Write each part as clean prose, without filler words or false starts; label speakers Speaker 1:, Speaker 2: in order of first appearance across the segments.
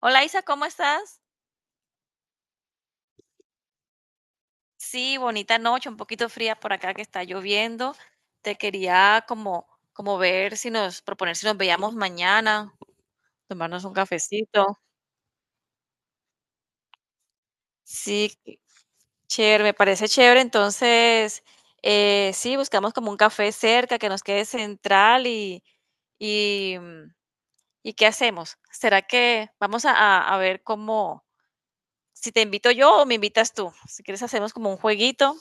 Speaker 1: Hola Isa, ¿cómo estás? Sí, bonita noche, un poquito fría por acá que está lloviendo. Te quería como, como ver si nos, proponer si nos veíamos mañana, tomarnos un cafecito. Sí, qué chévere, me parece chévere. Entonces, sí, buscamos como un café cerca que nos quede central y, ¿y qué hacemos? ¿Será que vamos a, a ver cómo, si te invito yo o me invitas tú? Si quieres hacemos como un jueguito,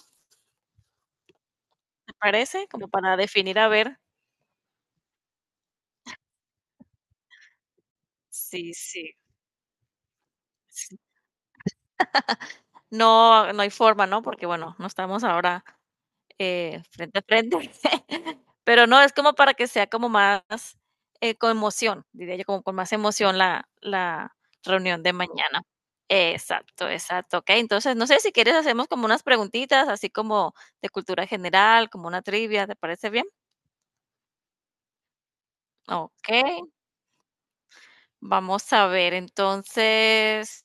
Speaker 1: ¿te parece? Como para definir a ver. Sí, sí. Sí. No, no hay forma, ¿no? Porque, bueno, no estamos ahora, frente a frente. Pero no, es como para que sea como más, con emoción, diría yo, como con más emoción la reunión de mañana. Exacto, exacto. Okey, entonces, no sé si quieres hacemos como unas preguntitas, así como de cultura general, como una trivia, ¿te parece bien? Okey, vamos a ver, entonces.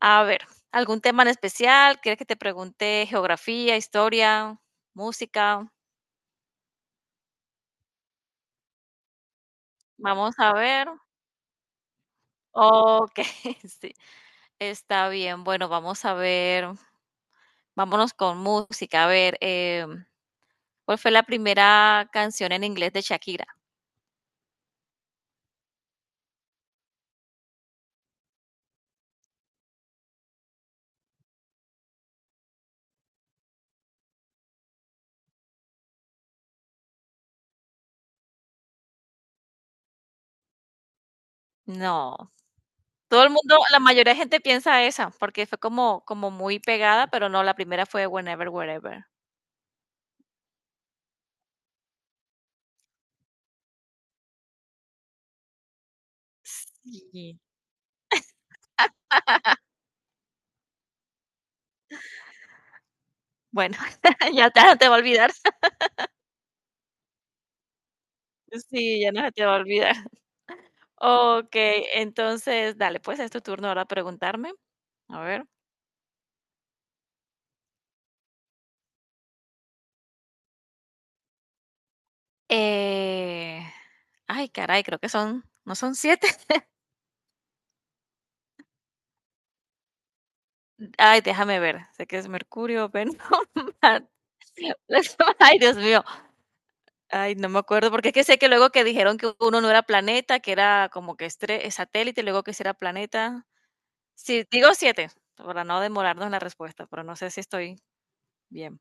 Speaker 1: A ver, ¿algún tema en especial? ¿Quieres que te pregunte geografía, historia, música? Vamos a ver. Ok, sí, está bien. Bueno, vamos a ver, vámonos con música. A ver, ¿cuál fue la primera canción en inglés de Shakira? No, todo el mundo, la mayoría de gente piensa esa, porque fue como, como muy pegada, pero no, la primera fue Whenever, Wherever. Sí. Bueno, ya, ya no te va a olvidar. Sí, ya no se te va a olvidar. Okey, entonces, dale, pues, es tu turno ahora preguntarme. A ver. Eh, ay, caray, creo que son, ¿no son siete? Ay, déjame ver. Sé que es Mercurio, Venus, Marte. Ay, Dios mío. Ay, no me acuerdo, porque es que sé que luego que dijeron que uno no era planeta, que era como que estre satélite, y luego que sí era planeta. Sí, digo 7, para no demorarnos en la respuesta, pero no sé si estoy bien.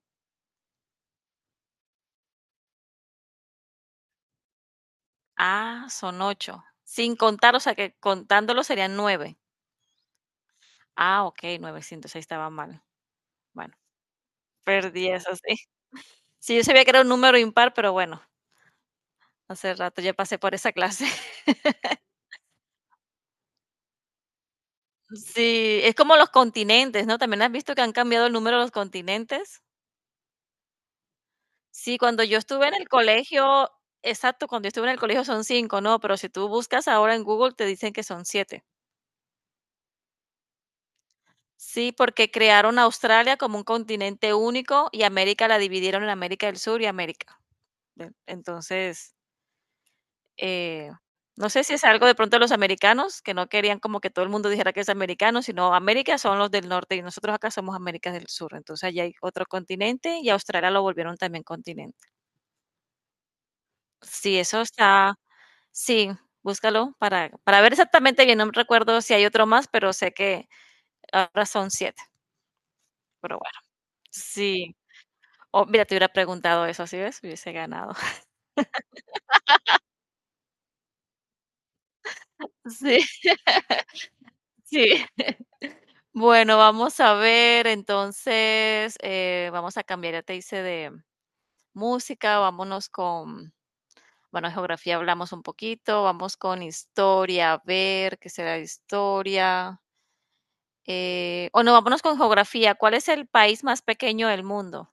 Speaker 1: Ah, son ocho. Sin contar, o sea, que contándolo serían 9. Ah, okey, ahí estaba mal. Bueno, perdí eso, sí. Sí, yo sabía que era un número impar, pero bueno, hace rato ya pasé por esa clase. Sí, es como los continentes, ¿no? ¿También has visto que han cambiado el número de los continentes? Sí, cuando yo estuve en el colegio, exacto, cuando yo estuve en el colegio son 5, ¿no? Pero si tú buscas ahora en Google te dicen que son 7. Sí, porque crearon Australia como un continente único y América la dividieron en América del Sur y América del, entonces, Eh, no sé si es algo de pronto de los americanos, que no querían como que todo el mundo dijera que es americano, sino América son los del norte y nosotros acá somos América del Sur. Entonces allá hay otro continente y Australia lo volvieron también continente. Sí, eso está, sí, búscalo para ver exactamente bien. No recuerdo si hay otro más, pero sé que ahora son siete. Pero bueno, sí. Oh, mira, te hubiera preguntado eso, ¿sí ves? Hubiese ganado. Sí, sí. Bueno, vamos a ver, entonces, vamos a cambiar, ya te hice de música, vámonos con, bueno, geografía hablamos un poquito, vamos con historia, a ver qué será historia. O no, vámonos con geografía. ¿Cuál es el país más pequeño del mundo?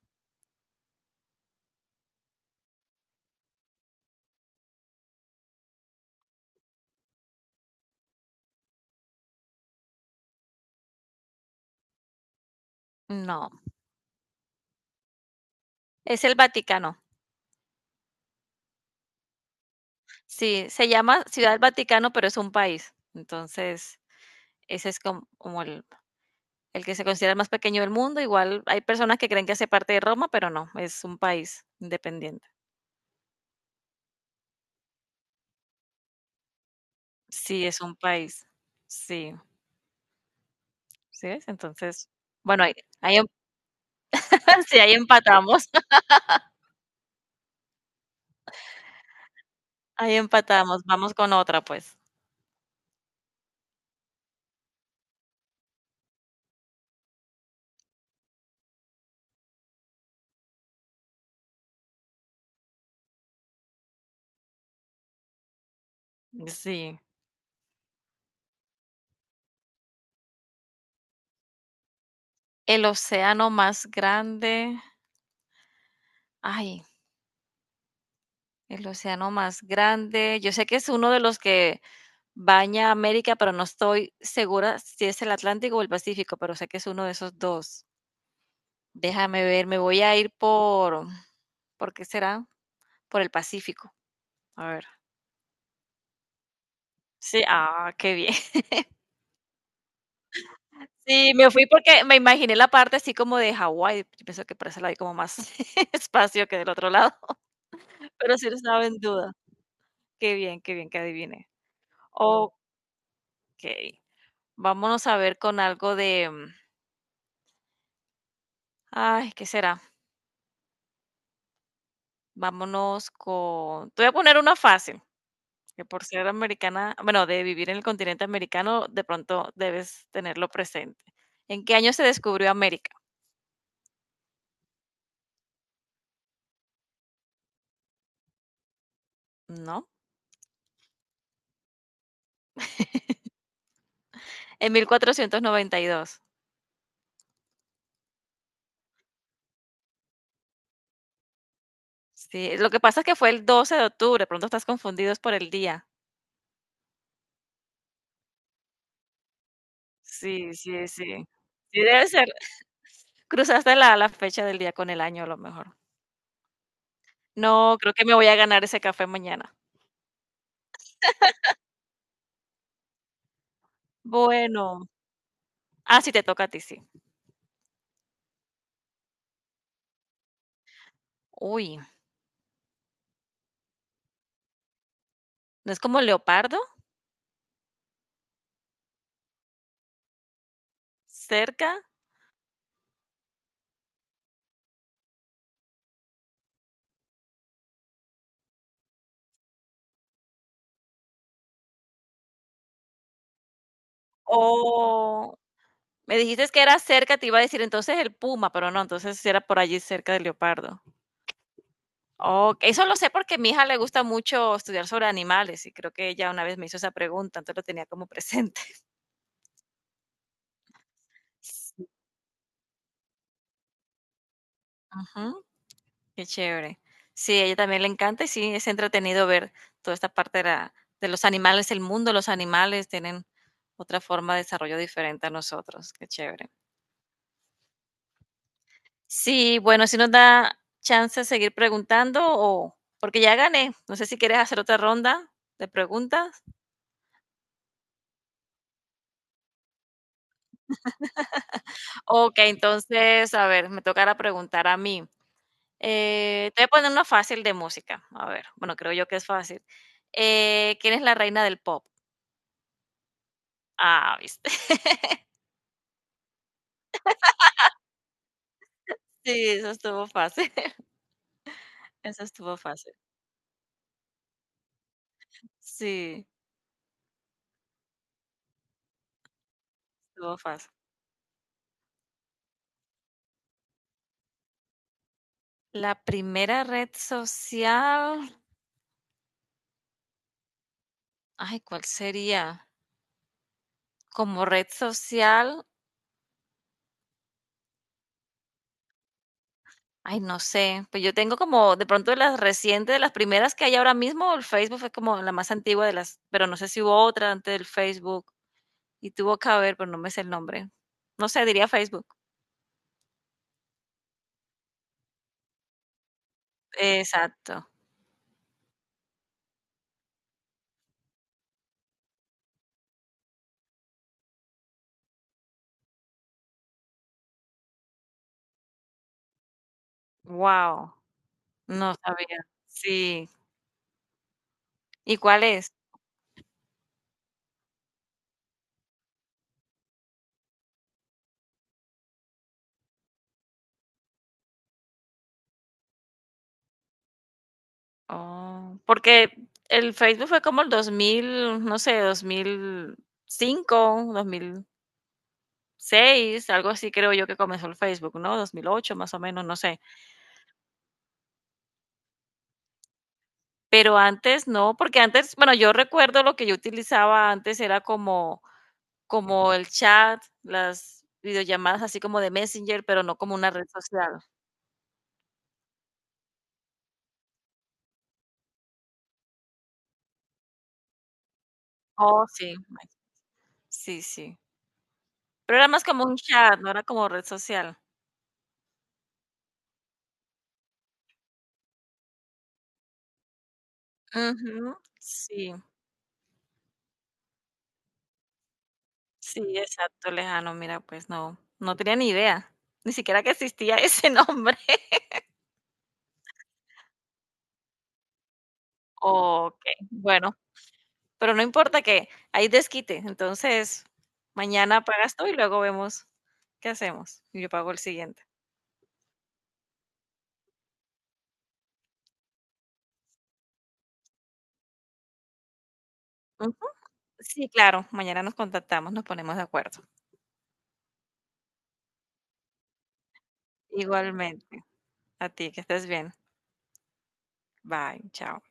Speaker 1: No, es el Vaticano. Sí, se llama Ciudad del Vaticano, pero es un país. Entonces, ese es como, el que se considera el más pequeño del mundo. Igual hay personas que creen que hace parte de Roma, pero no, es un país independiente. Sí, es un país. Sí, ¿sí ves? Entonces, bueno, hay sí, ahí empatamos, ahí empatamos. Vamos con otra, pues. Sí. El océano más grande. Ay, el océano más grande. Yo sé que es uno de los que baña América, pero no estoy segura si es el Atlántico o el Pacífico, pero sé que es uno de esos dos. Déjame ver, me voy a ir ¿por qué será? Por el Pacífico. A ver. Sí, ah, qué bien. Sí, me fui porque me imaginé la parte así como de Hawái. Yo pienso que por eso la vi como más espacio que del otro lado. Pero sí lo estaba en duda. Qué bien que adiviné. Okey, vámonos a ver con algo de, ay, ¿qué será? Vámonos con, te voy a poner una fácil, que por ser americana, bueno, de vivir en el continente americano, de pronto debes tenerlo presente. ¿En qué año se descubrió América? ¿No? En 1492. Sí, lo que pasa es que fue el 12 de octubre, de pronto estás confundidos por el día. Sí, sí, sí. Sí, debe ser. Cruzaste la fecha del día con el año, a lo mejor. No, creo que me voy a ganar ese café mañana. Bueno. Ah, sí, te toca a ti, sí. Uy, ¿no es como leopardo? ¿Cerca? O me dijiste que era cerca, te iba a decir entonces el puma, pero no, entonces sí era por allí cerca del leopardo. Oh, eso lo sé porque a mi hija le gusta mucho estudiar sobre animales y creo que ella una vez me hizo esa pregunta, entonces lo tenía como presente. Sí, ujú. Qué chévere. Sí, a ella también le encanta y sí, es entretenido ver toda esta parte de, de los animales, el mundo de los animales, tienen otra forma de desarrollo diferente a nosotros. Qué chévere. Sí, bueno, si nos da chance de seguir preguntando o porque ya gané, no sé si quieres hacer otra ronda de preguntas. Ok, entonces, a ver, me tocará preguntar a mí. Te voy a poner una fácil de música. A ver, bueno, creo yo que es fácil. ¿Quién es la reina del pop? Ah, viste. Sí, eso estuvo fácil, eso estuvo fácil. Sí, estuvo fácil. La primera red social, ay, ¿cuál sería? Como red social, ay, no sé, pues yo tengo como de pronto de las recientes, de las primeras que hay ahora mismo, el Facebook fue como la más antigua de las, pero no sé si hubo otra antes del Facebook y tuvo que haber, pero no me sé el nombre. No sé, diría Facebook. Exacto. Wow, no sabía. Sí. ¿Y cuál es? Oh, porque el Facebook fue como el 2000, no sé, 2005, 2006, algo así creo yo que comenzó el Facebook, ¿no? 2008 más o menos, no sé. Pero antes no, porque antes, bueno, yo recuerdo lo que yo utilizaba antes era como, como el chat, las videollamadas así como de Messenger, pero no como una red social. Oh, sí, sí, sí. Pero era más como un chat, no era como red social. Ujú, sí. Sí, exacto, lejano. Mira, pues no, no tenía ni idea, ni siquiera que existía ese nombre. Okey, bueno, pero no importa que hay desquite, entonces mañana pagas tú y luego vemos qué hacemos. Y yo pago el siguiente. Ujú. Sí, claro, mañana nos contactamos, nos ponemos de acuerdo. Igualmente, a ti, que estés bien. Bye, chao.